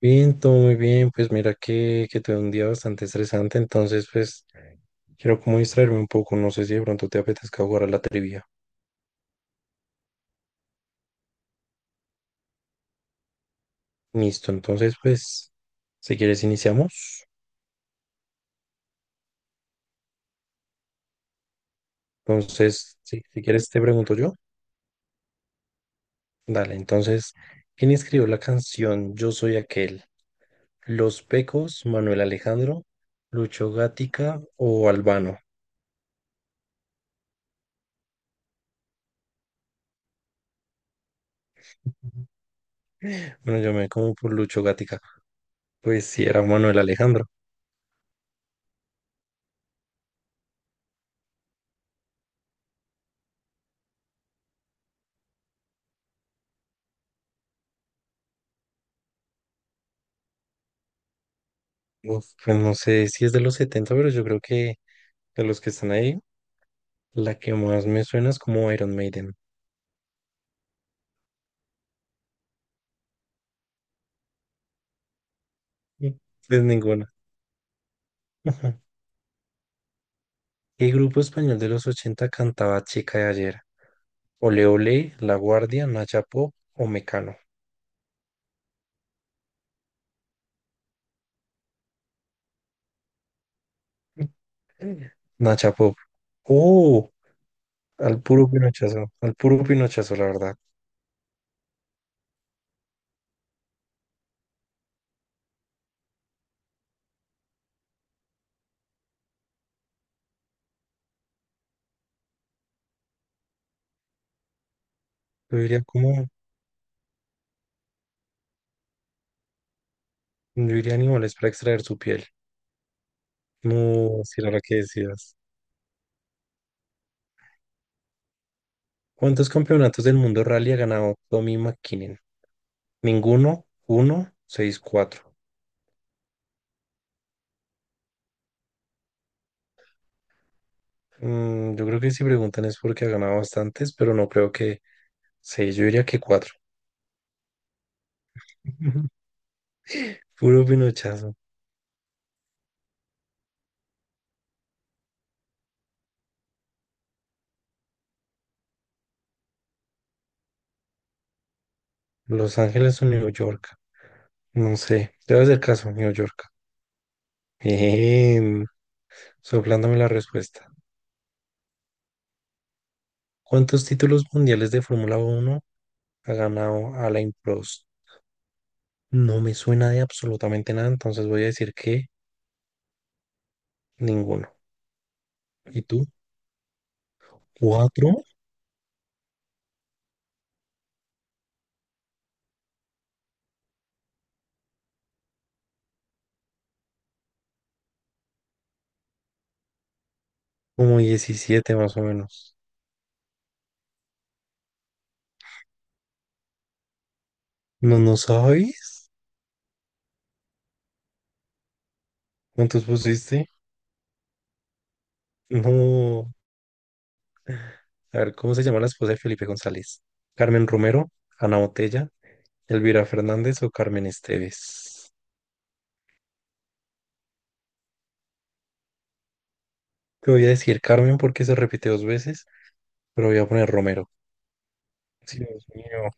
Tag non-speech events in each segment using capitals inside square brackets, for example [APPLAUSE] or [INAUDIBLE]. Bien, todo muy bien. Pues mira que tuve un día bastante estresante, entonces pues quiero como distraerme un poco. No sé si de pronto te apetezca jugar a la trivia. Listo, entonces pues si quieres iniciamos. Entonces, sí, si quieres te pregunto yo. Dale, entonces, ¿quién escribió la canción Yo soy aquel? ¿Los Pecos, Manuel Alejandro, Lucho Gatica o Albano? Bueno, yo me como por Lucho Gatica. Pues sí era Manuel Alejandro. Uf, pues no sé si es de los 70, pero yo creo que... De los que están ahí, la que más me suena es como Iron Maiden. Mm, Pues ninguna. Ajá. ¿Qué grupo español de los 80 cantaba Chica de ayer? Ole Ole, La Guardia, Nacha Pop o Mecano. Mm. Nacha Pop. Oh, al puro pinochazo, la verdad. Yo diría como, yo diría animales para extraer su piel. No, si era la que decías. ¿Cuántos campeonatos del mundo rally ha ganado Tommy McKinnon? Ninguno, uno, seis, cuatro. Yo creo que si preguntan es porque ha ganado bastantes, pero no creo que seis, yo diría que cuatro. [LAUGHS] Puro pinochazo. Los Ángeles o New York. No sé. Debe hacer caso, New York. Bien. Soplándome la respuesta. ¿Cuántos títulos mundiales de Fórmula Uno ha ganado Alain Prost? No me suena de absolutamente nada, entonces voy a decir que ninguno. ¿Y tú? ¿Cuatro? Como 17 más o menos. ¿No, no sabes? ¿Cuántos pusiste? No. A ver, ¿cómo se llama la esposa de Felipe González? ¿Carmen Romero, Ana Botella, Elvira Fernández o Carmen Esteves? Te voy a decir Carmen porque se repite dos veces, pero voy a poner Romero. Sí, Dios mío.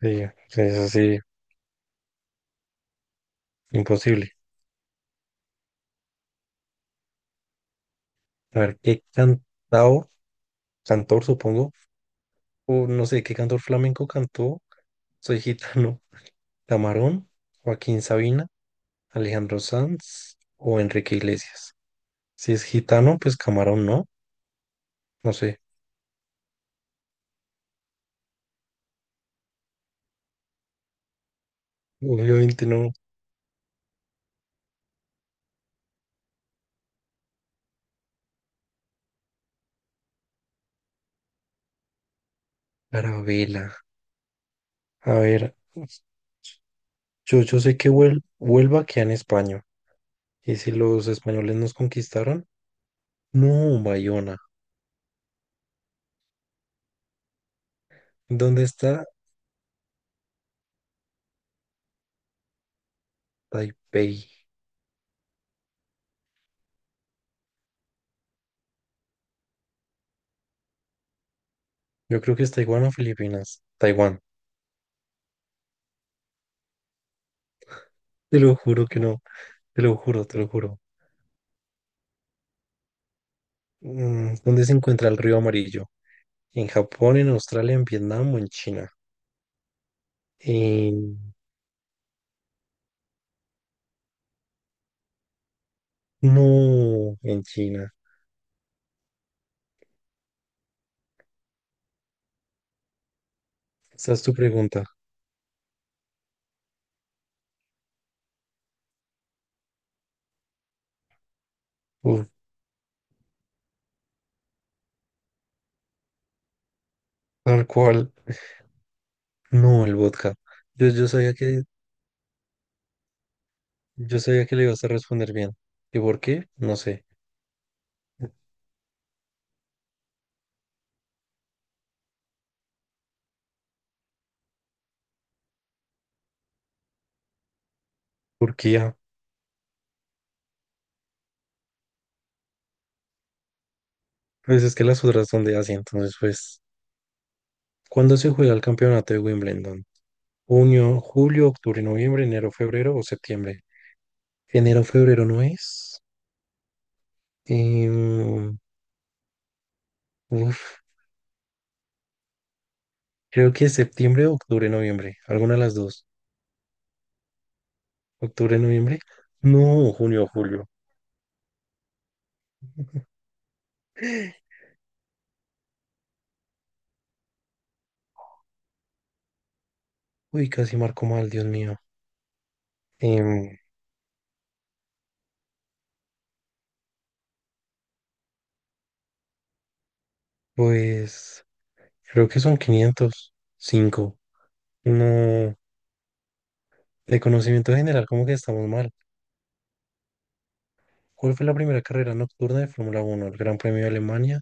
Sí, sí, es así, imposible. A ver, ¿qué cantao, cantor supongo, o no sé, qué cantor flamenco cantó? Soy gitano. [LAUGHS] Camarón, Joaquín Sabina, Alejandro Sanz o Enrique Iglesias. Si es gitano, pues Camarón no, no sé. Obviamente no. Carabela. A ver, yo sé que Huelva queda en España. Y si los españoles nos conquistaron, no, Bayona. ¿Dónde está Taipei? Yo creo que es Taiwán o Filipinas. Taiwán. Te lo juro que no. Te lo juro, te lo juro. ¿Dónde se encuentra el río Amarillo? ¿En Japón, en Australia, en Vietnam o en China? En- No, en China. Esa es tu pregunta. Uf, tal cual. No, el vodka. Yo sabía que le ibas a responder bien. ¿Y por qué? No sé. Turquía. Pues es que las otras son de Asia, entonces pues... ¿Cuándo se juega el campeonato de Wimbledon? ¿Junio, julio, octubre, noviembre, enero, febrero o septiembre? Enero, febrero no es. Em, uf, creo que es septiembre, octubre, noviembre. Alguna de las dos. ¿Octubre, noviembre? No, junio, julio. [GASPS] Uy, casi marco mal, Dios mío. Em, pues creo que son 500. Cinco. No. De conocimiento general, como que estamos mal. ¿Cuál fue la primera carrera nocturna de Fórmula Uno? ¿El Gran Premio de Alemania?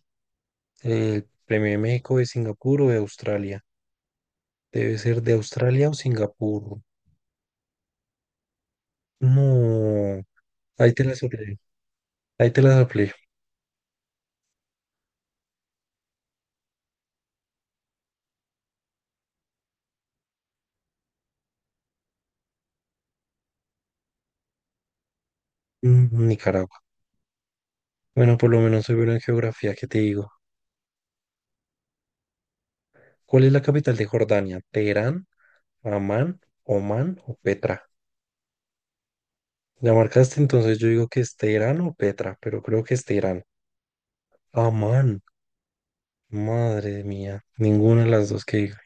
¿El Premio de México, de Singapur o de Australia? Debe ser de Australia o Singapur. No, ahí te la soplé. Ahí te la soplé. Mm, Nicaragua. Bueno, por lo menos soy bueno en geografía, ¿qué te digo? ¿Cuál es la capital de Jordania? ¿Teherán, Amán, Omán o Petra? ¿Ya marcaste? Entonces yo digo que es Teherán o Petra, pero creo que es Teherán. Amán, madre mía. Ninguna de las dos que digo.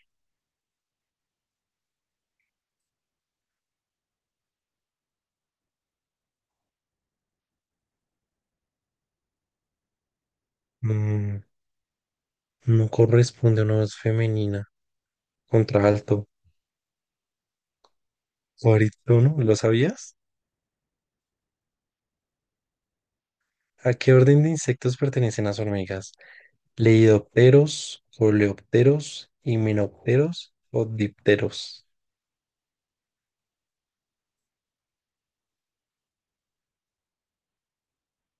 Mm, no corresponde a una voz femenina. Contralto, barítono, ¿lo sabías? ¿A qué orden de insectos pertenecen las hormigas? Lepidópteros, coleópteros, himenópteros o dipteros.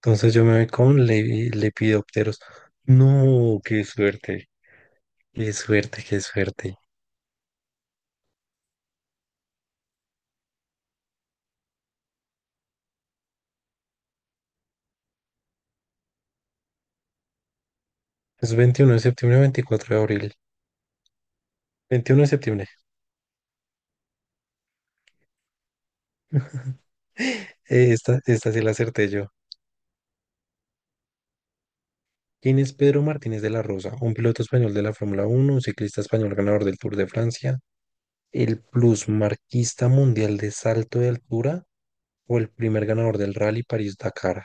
Entonces yo me voy con lepidópteros. No, qué suerte, qué suerte, qué suerte. Es 21 de septiembre, 24 de abril. 21 de septiembre. Esta sí la acerté yo. ¿Quién es Pedro Martínez de la Rosa? Un piloto español de la Fórmula Uno, un ciclista español ganador del Tour de Francia, el plusmarquista mundial de salto de altura o el primer ganador del Rally París-Dakar.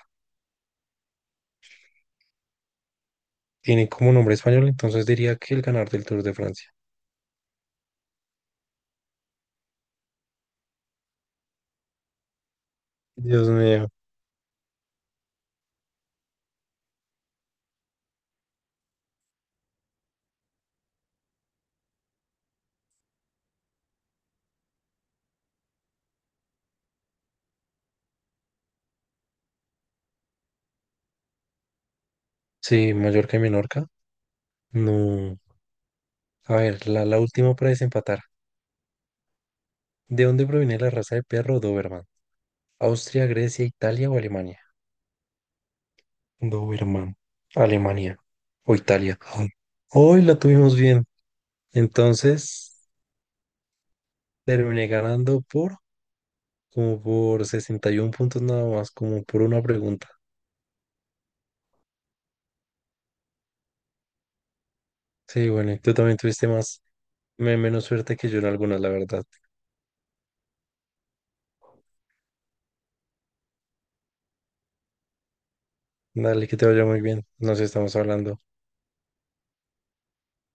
Tiene como nombre español, entonces diría que el ganador del Tour de Francia. Dios mío. Sí, Mallorca y Menorca. No. A ver, la última para desempatar. ¿De dónde proviene la raza de perro Doberman? ¿Austria, Grecia, Italia o Alemania? Doberman. Alemania. O Italia. Ay, hoy la tuvimos bien. Entonces terminé ganando por como por 61 puntos nada más, como por una pregunta. Sí, bueno, y tú también tuviste menos suerte que yo en algunas, la verdad. Dale, que te vaya muy bien. Nos estamos hablando.